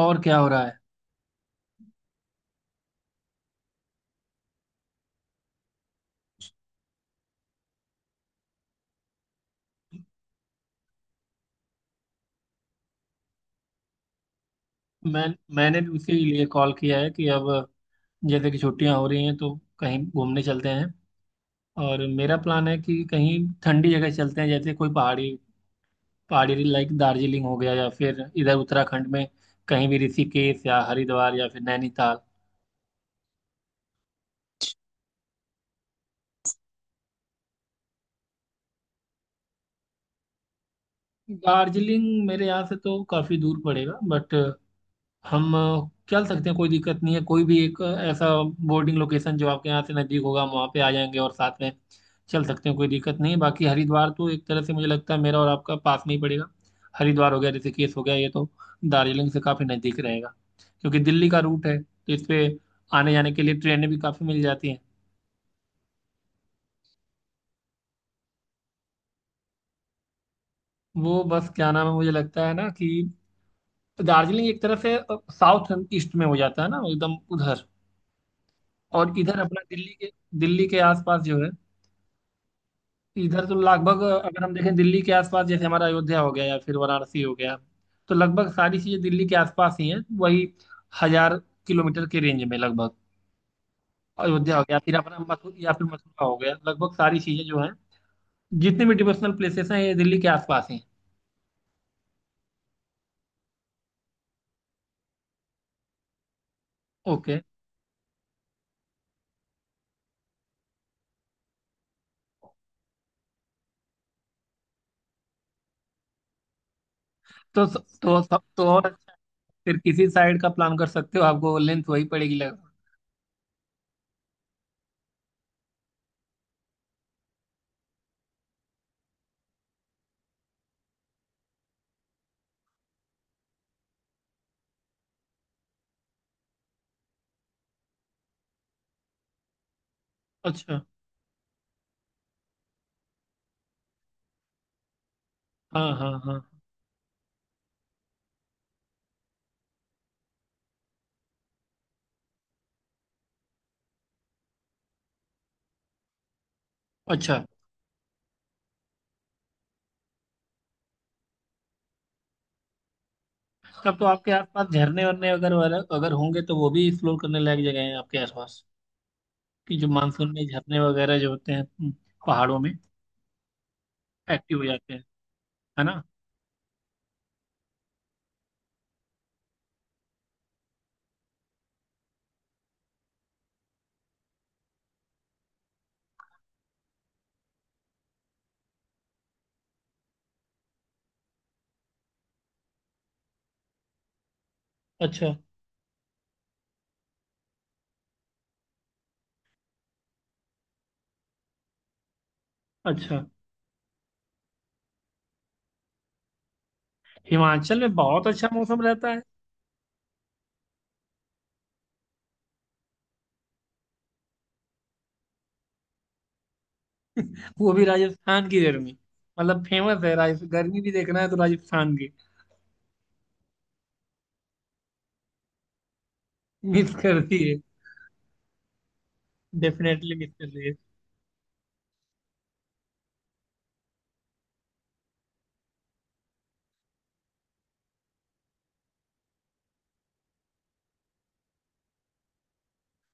और क्या हो रहा है? मैं मैंने भी उसी लिए कॉल किया है कि अब जैसे कि छुट्टियां हो रही हैं तो कहीं घूमने चलते हैं। और मेरा प्लान है कि कहीं ठंडी जगह चलते हैं, जैसे कोई पहाड़ी पहाड़ी लाइक दार्जिलिंग हो गया या फिर इधर उत्तराखंड में, कहीं भी ऋषिकेश या हरिद्वार या फिर नैनीताल। दार्जिलिंग मेरे यहाँ से तो काफ़ी दूर पड़ेगा बट हम चल सकते हैं, कोई दिक्कत नहीं है। कोई भी एक ऐसा बोर्डिंग लोकेशन जो आपके यहाँ से नज़दीक होगा, हम वहाँ पे आ जाएंगे और साथ में चल सकते हैं, कोई दिक्कत नहीं है। बाकी हरिद्वार तो एक तरह से मुझे लगता है मेरा और आपका पास में ही पड़ेगा। हरिद्वार हो गया, ऋषिकेश हो गया, ये तो दार्जिलिंग से काफ़ी नज़दीक रहेगा क्योंकि दिल्ली का रूट है तो इस पे आने जाने के लिए ट्रेनें भी काफ़ी मिल जाती हैं। वो, बस क्या नाम है, मुझे लगता है ना कि दार्जिलिंग एक तरह से साउथ ईस्ट में हो जाता है ना, एकदम उधर। और इधर अपना दिल्ली के आसपास जो है, इधर तो लगभग अगर हम देखें दिल्ली के आसपास, जैसे हमारा अयोध्या हो गया या फिर वाराणसी हो गया, तो लगभग सारी चीजें दिल्ली के आसपास ही हैं। वही 1,000 किलोमीटर के रेंज में लगभग। अयोध्या हो गया, फिर अपना मथु या फिर मथुरा हो गया, लगभग सारी चीजें जो हैं, जितने भी डिवोशनल प्लेसेस हैं, ये दिल्ली के आसपास ही हैं। ओके। तो स- और अच्छा है। फिर किसी साइड का प्लान कर सकते हो, आपको लेंथ वही पड़ेगी लगभग। अच्छा। हाँ, हाँ, हाँ। अच्छा। तब तो आपके आसपास झरने वरने अगर अगर होंगे तो वो भी एक्सप्लोर करने लायक जगह है आपके आसपास, कि जो मानसून में झरने वगैरह जो होते हैं, पहाड़ों में एक्टिव हो जाते हैं, है ना? अच्छा। अच्छा। हिमाचल में बहुत अच्छा मौसम रहता है। वो भी राजस्थान की गर्मी, मतलब फेमस है, राज गर्मी भी देखना है तो राजस्थान की। मिस करती है, डेफिनेटली मिस करती है।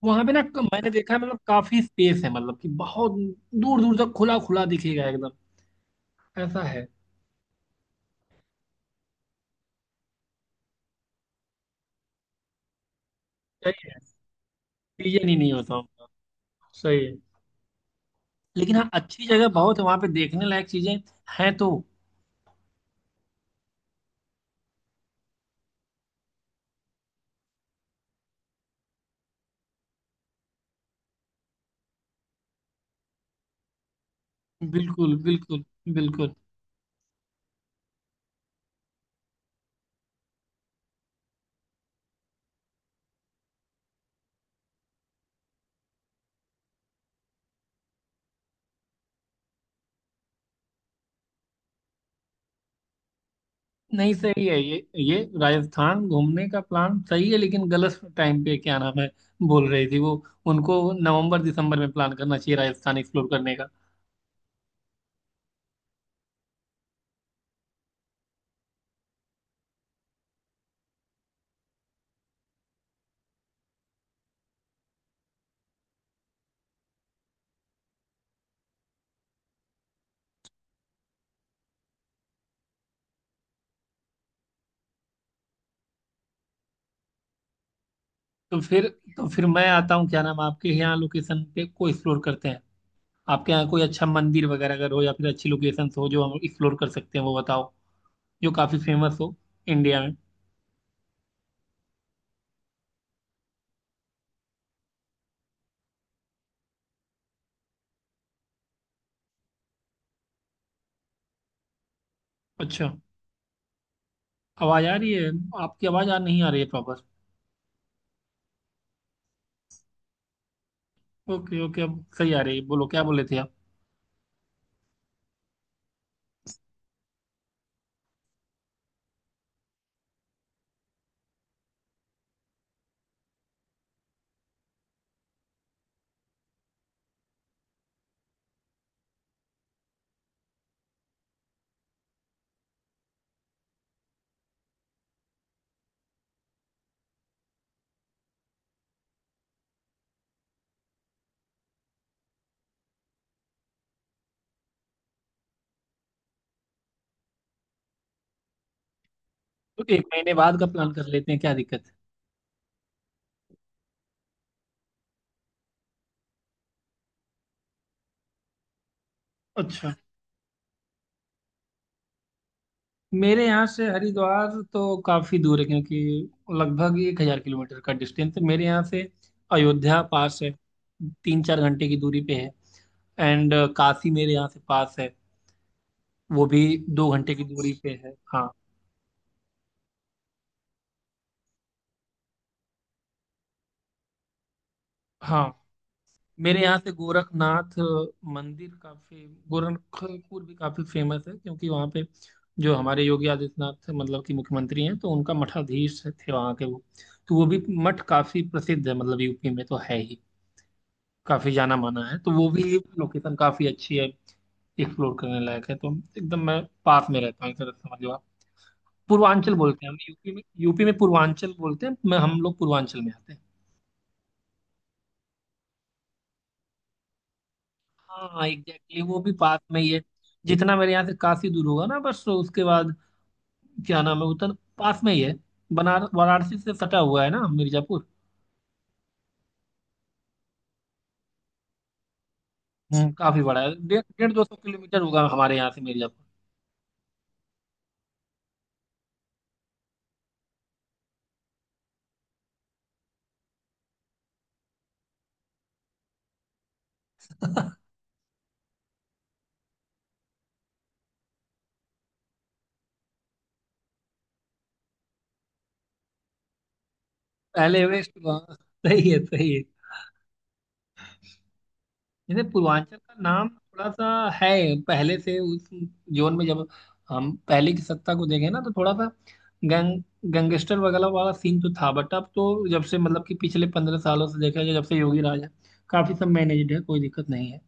वहां पे ना मैंने देखा है, मतलब काफी स्पेस है, मतलब कि बहुत दूर दूर तक खुला खुला दिखेगा एकदम, ऐसा है। सही है। सीजन ही नहीं होता उनका। सही है। लेकिन हाँ, अच्छी जगह बहुत है वहां पे, देखने लायक चीजें हैं तो। बिल्कुल, बिल्कुल। बिल्कुल। नहीं, सही है ये। ये राजस्थान घूमने का प्लान सही है लेकिन गलत टाइम पे, क्या नाम है, बोल रही थी वो, उनको नवंबर दिसंबर में प्लान करना चाहिए राजस्थान एक्सप्लोर करने का। तो फिर तो फिर मैं आता हूँ, क्या नाम, आपके यहाँ लोकेशन पे को एक्सप्लोर करते हैं। आपके यहाँ कोई अच्छा मंदिर वगैरह अगर हो या फिर अच्छी लोकेशन हो जो हम एक्सप्लोर कर सकते हैं, वो बताओ, जो काफी फेमस हो इंडिया में। अच्छा। आवाज आ रही है आपकी आवाज आ नहीं आ रही है प्रॉपर। ओके, ओके, अब सही आ रही है, बोलो क्या बोले थे आप। तो एक महीने बाद का प्लान कर लेते हैं, क्या दिक्कत। अच्छा है। मेरे यहाँ से हरिद्वार तो काफी दूर है क्योंकि लगभग 1,000 किलोमीटर का डिस्टेंस है मेरे यहाँ से। अयोध्या पास है, 3-4 घंटे की दूरी पे है। एंड काशी मेरे यहाँ से पास है, वो भी 2 घंटे की दूरी पे है। हाँ। हाँ, मेरे यहाँ से गोरखनाथ मंदिर काफी, गोरखपुर भी काफी फेमस है क्योंकि वहाँ पे जो हमारे योगी आदित्यनाथ, मतलब कि मुख्यमंत्री हैं, तो उनका मठाधीश थे वहाँ के वो। तो वो भी मठ काफी प्रसिद्ध है, मतलब यूपी में तो है ही, काफी जाना माना है, तो वो भी लोकेशन काफी अच्छी है, एक्सप्लोर करने लायक है, तो एकदम मैं पास में रहता हूँ एक तरह से, समझ लो आप। पूर्वांचल बोलते हैं हम यूपी में, यूपी में पूर्वांचल बोलते हैं, मैं हम लोग पूर्वांचल में आते हैं। हाँ एग्जैक्टली, वो भी पास में ही है। जितना मेरे यहाँ से काशी दूर होगा ना बस, तो उसके बाद, क्या नाम है, उतना पास में ही है। बनारस वाराणसी से सटा हुआ है ना मिर्जापुर। हम्म, काफी बड़ा है। डेढ़ डेढ़ 200 किलोमीटर होगा हमारे यहाँ से मिर्जापुर। पहले वेस्ट हुआ। सही है, सही है। जैसे पूर्वांचल का नाम थोड़ा सा है पहले से उस जोन में, जब हम पहले की सत्ता को देखें ना, तो थोड़ा सा गैंगस्टर वगैरह वाला सीन तो था, बट अब तो जब से, मतलब कि पिछले 15 सालों से देखा जाए, जब से योगी राज है, काफी सब मैनेज्ड है, कोई दिक्कत नहीं है।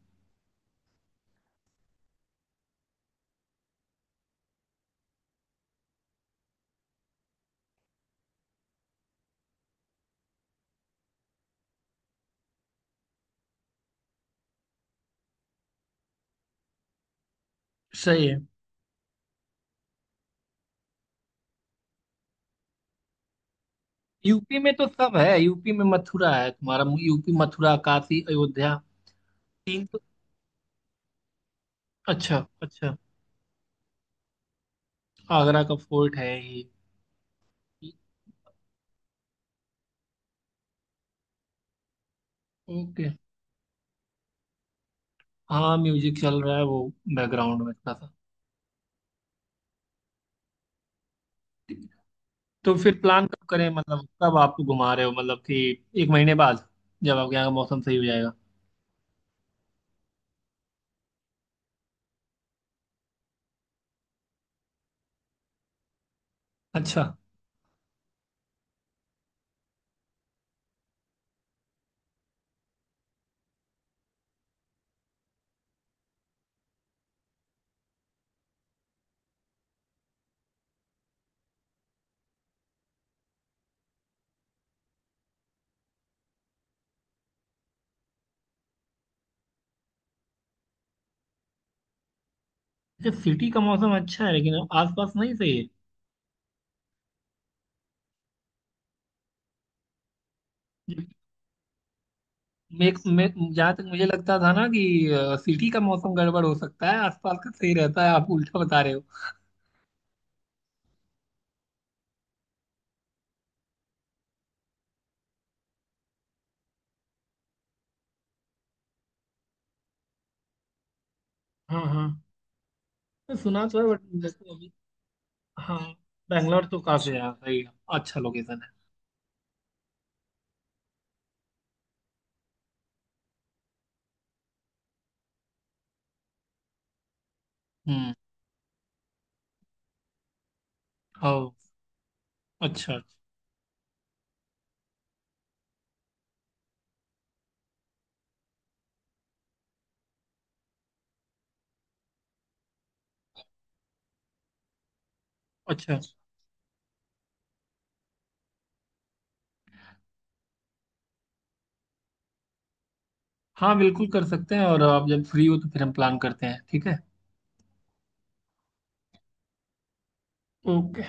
सही है। यूपी में तो सब है, यूपी में मथुरा है तुम्हारा, यूपी मथुरा काशी अयोध्या तीन तो। अच्छा, अच्छा। आगरा का फोर्ट है ही। ओके। हाँ, म्यूजिक चल रहा है, वो बैकग्राउंड में थोड़ा सा। तो फिर प्लान कब करें, मतलब कब आपको घुमा रहे हो, मतलब कि एक महीने बाद जब आपके यहाँ का मौसम सही हो जाएगा। अच्छा। अच्छा, सिटी का मौसम अच्छा है लेकिन आसपास नहीं, सही है। मैं मैं जहाँ तक मुझे लगता था ना कि सिटी का मौसम गड़बड़ हो सकता है, आसपास का सही रहता है, आप उल्टा बता रहे हो। हाँ, हाँ। मैं सुना तो है बट जैसे अभी। हाँ। बैंगलोर तो काफी है, सही है, अच्छा लोकेशन है। हम्म। हाँ। अच्छा। अच्छा। हाँ, बिल्कुल कर सकते हैं, और आप जब फ्री हो तो फिर हम प्लान करते हैं, ठीक है। ओके।